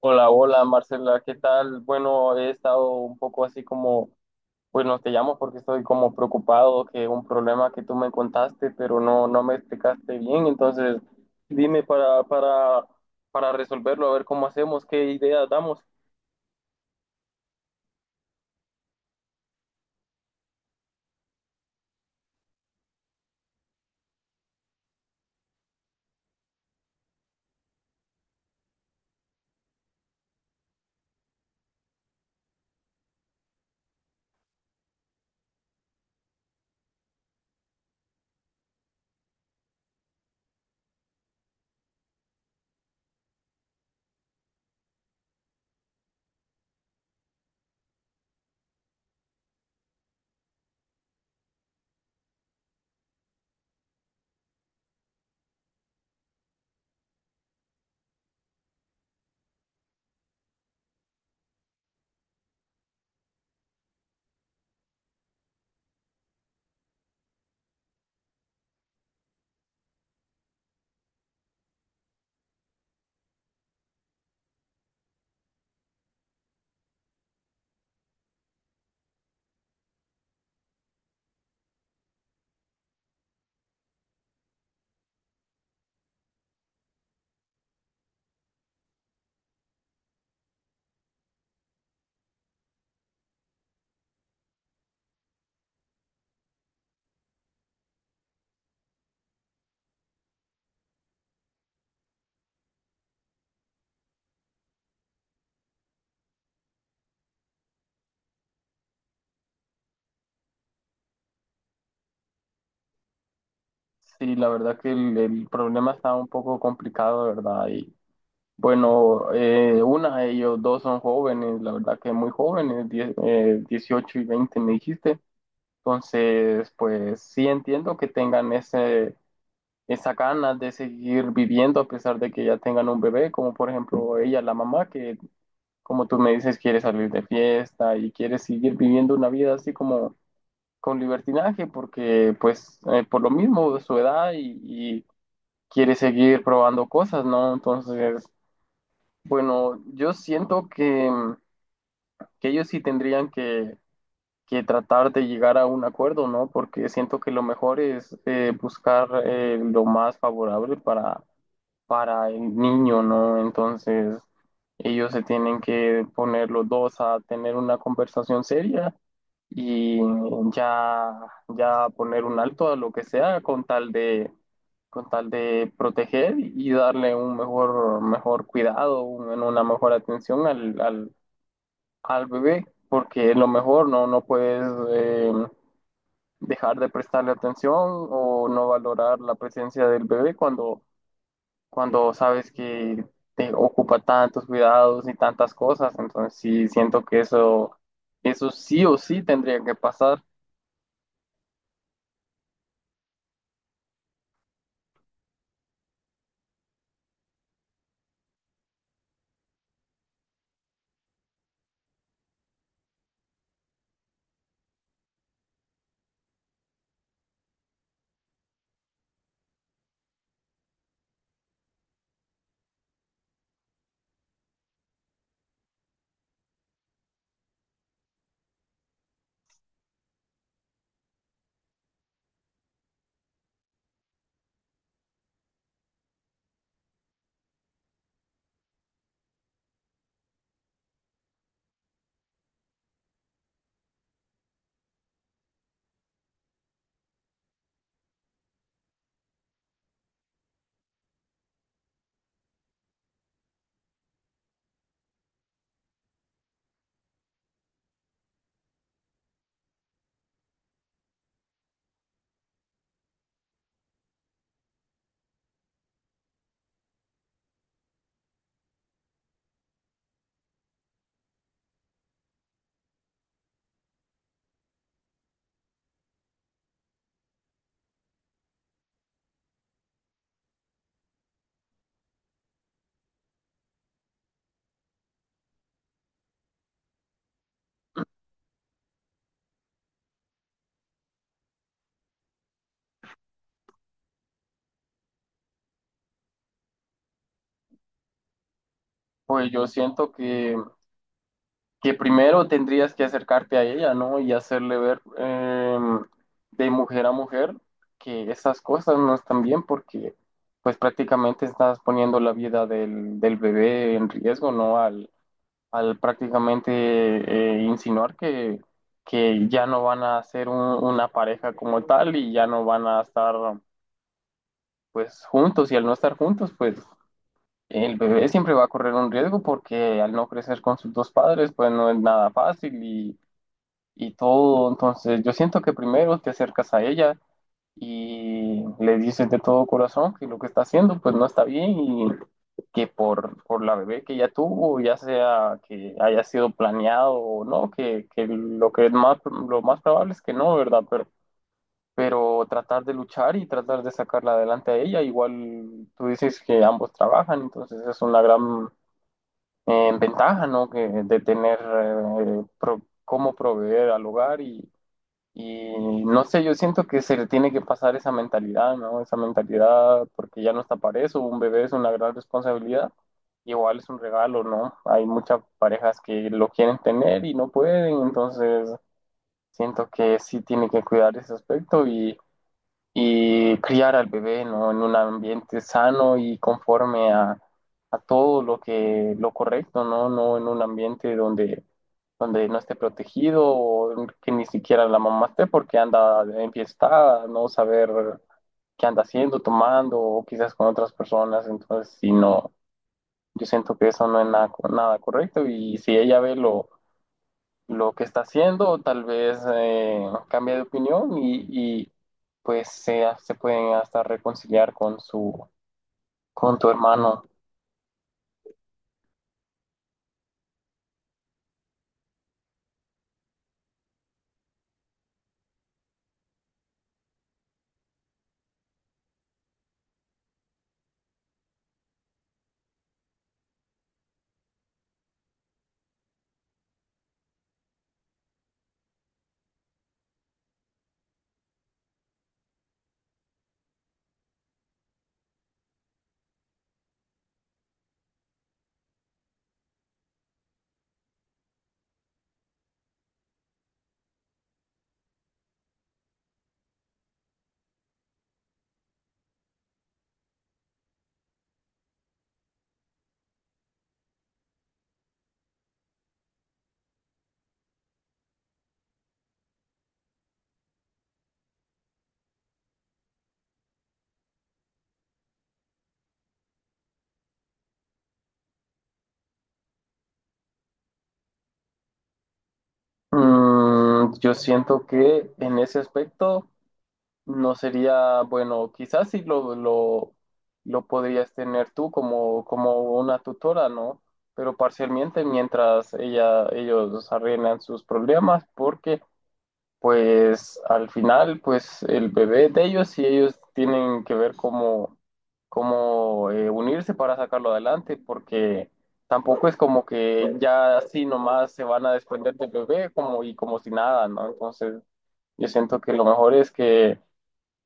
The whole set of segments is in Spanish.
Hola, hola Marcela, ¿qué tal? Bueno, he estado un poco así bueno, te llamo porque estoy como preocupado que un problema que tú me contaste, pero no me explicaste bien, entonces dime para resolverlo, a ver cómo hacemos, qué ideas damos. Sí, la verdad que el problema está un poco complicado, ¿verdad? Y bueno, una ellos dos son jóvenes, la verdad que muy jóvenes, 18 y 20 me dijiste. Entonces, pues sí entiendo que tengan esa ganas de seguir viviendo a pesar de que ya tengan un bebé, como por ejemplo ella, la mamá, que como tú me dices, quiere salir de fiesta y quiere seguir viviendo una vida así como con libertinaje, porque pues por lo mismo su edad y quiere seguir probando cosas, ¿no? Entonces, bueno, yo siento que ellos sí tendrían que tratar de llegar a un acuerdo, ¿no? Porque siento que lo mejor es buscar lo más favorable para el niño, ¿no? Entonces, ellos se tienen que poner los dos a tener una conversación seria y ya, ya poner un alto a lo que sea con tal de proteger y darle un mejor, mejor cuidado, una mejor atención al bebé, porque a lo mejor no puedes eh, dejar de prestarle atención o no valorar la presencia del bebé cuando sabes que te ocupa tantos cuidados y tantas cosas. Entonces sí, siento que eso sí o sí tendría que pasar. Pues yo siento que primero tendrías que acercarte a ella, ¿no? Y hacerle ver de mujer a mujer que esas cosas no están bien porque pues prácticamente estás poniendo la vida del bebé en riesgo, ¿no? Al prácticamente insinuar que ya no van a ser una pareja como tal y ya no van a estar pues juntos y al no estar juntos pues el bebé siempre va a correr un riesgo porque al no crecer con sus dos padres pues no es nada fácil y todo. Entonces, yo siento que primero te acercas a ella y le dices de todo corazón que lo que está haciendo pues no está bien y que por la bebé que ella tuvo, ya sea que haya sido planeado o no, que lo que es más, lo más probable es que no, ¿verdad? Pero tratar de luchar y tratar de sacarla adelante a ella, igual tú dices que ambos trabajan, entonces es una gran ventaja, ¿no? Que, de tener cómo proveer al hogar y no sé, yo siento que se le tiene que pasar esa mentalidad, ¿no? Esa mentalidad, porque ya no está para eso, un bebé es una gran responsabilidad, igual es un regalo, ¿no? Hay muchas parejas que lo quieren tener y no pueden, entonces siento que sí tiene que cuidar ese aspecto y criar al bebé, ¿no? En un ambiente sano y conforme a todo lo correcto, ¿no? No en un ambiente donde no esté protegido o que ni siquiera la mamá esté porque anda enfiestada, no saber qué anda haciendo, tomando o quizás con otras personas. Entonces, si no, yo siento que eso no es nada, nada correcto y si ella ve lo que está haciendo, o tal vez cambia de opinión y, pues se pueden hasta reconciliar con con tu hermano. Mm, yo siento que en ese aspecto no sería, bueno, quizás sí lo podrías tener tú como una tutora, ¿no? Pero parcialmente mientras ellos arreglan sus problemas, porque pues al final, pues el bebé es de ellos y ellos tienen que ver cómo unirse para sacarlo adelante, porque tampoco es como que ya así nomás se van a desprender del bebé como, y como si nada, ¿no? Entonces yo siento que lo mejor es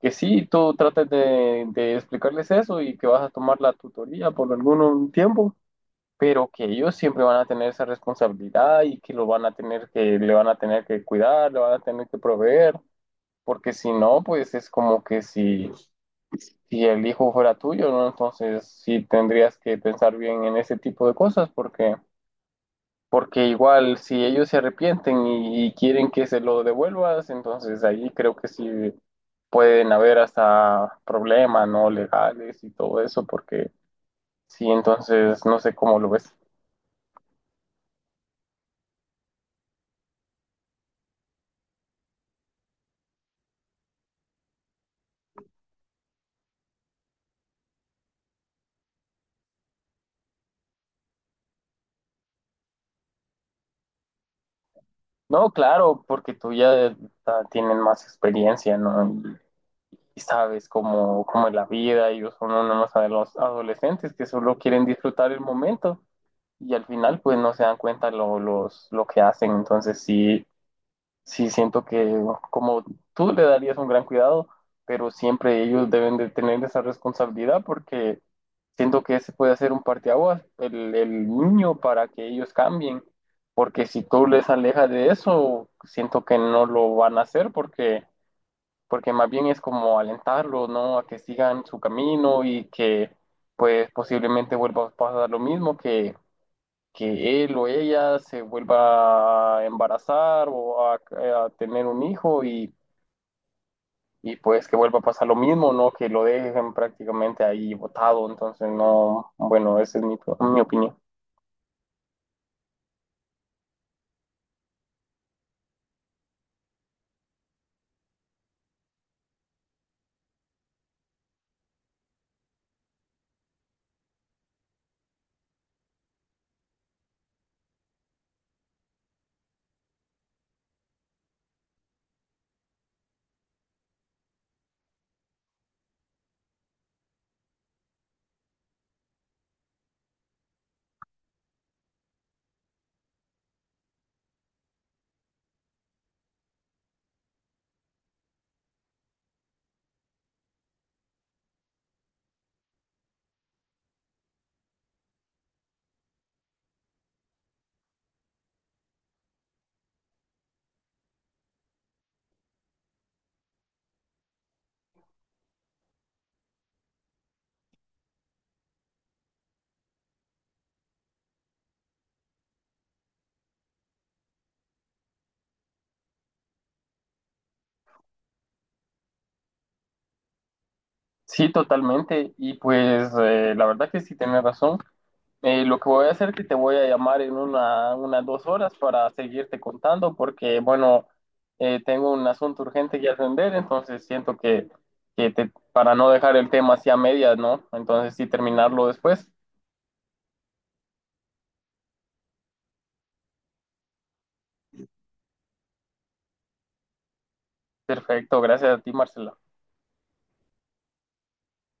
que sí, tú trates de explicarles eso y que vas a tomar la tutoría por algún tiempo. Pero que ellos siempre van a tener esa responsabilidad y que lo van a tener que, le van a tener que cuidar, le van a tener que proveer porque si no, pues es como que si el hijo fuera tuyo, ¿no? Entonces sí tendrías que pensar bien en ese tipo de cosas, porque, porque igual si ellos se arrepienten y quieren que se lo devuelvas, entonces ahí creo que sí pueden haber hasta problemas, ¿no? Legales y todo eso, porque sí, entonces no sé cómo lo ves. No, claro, porque tú ya tienes más experiencia, ¿no? Y sabes cómo es la vida, ellos son uno más de los adolescentes que solo quieren disfrutar el momento y al final pues no se dan cuenta lo que hacen, entonces sí, sí siento que como tú le darías un gran cuidado, pero siempre ellos deben de tener esa responsabilidad porque siento que ese puede ser un parteaguas, el niño para que ellos cambien, porque si tú les alejas de eso, siento que no lo van a hacer porque más bien es como alentarlo, ¿no? A que sigan su camino y que pues posiblemente vuelva a pasar lo mismo, que él o ella se vuelva a embarazar o a tener un hijo y pues que vuelva a pasar lo mismo, ¿no? Que lo dejen prácticamente ahí botado, entonces no, bueno, esa es mi opinión. Sí, totalmente, y pues la verdad que sí tenés razón. Lo que voy a hacer es que te voy a llamar en unas 2 horas para seguirte contando porque, bueno, tengo un asunto urgente que atender, entonces siento para no dejar el tema así a medias, ¿no? Entonces sí terminarlo después. Perfecto, gracias a ti, Marcela.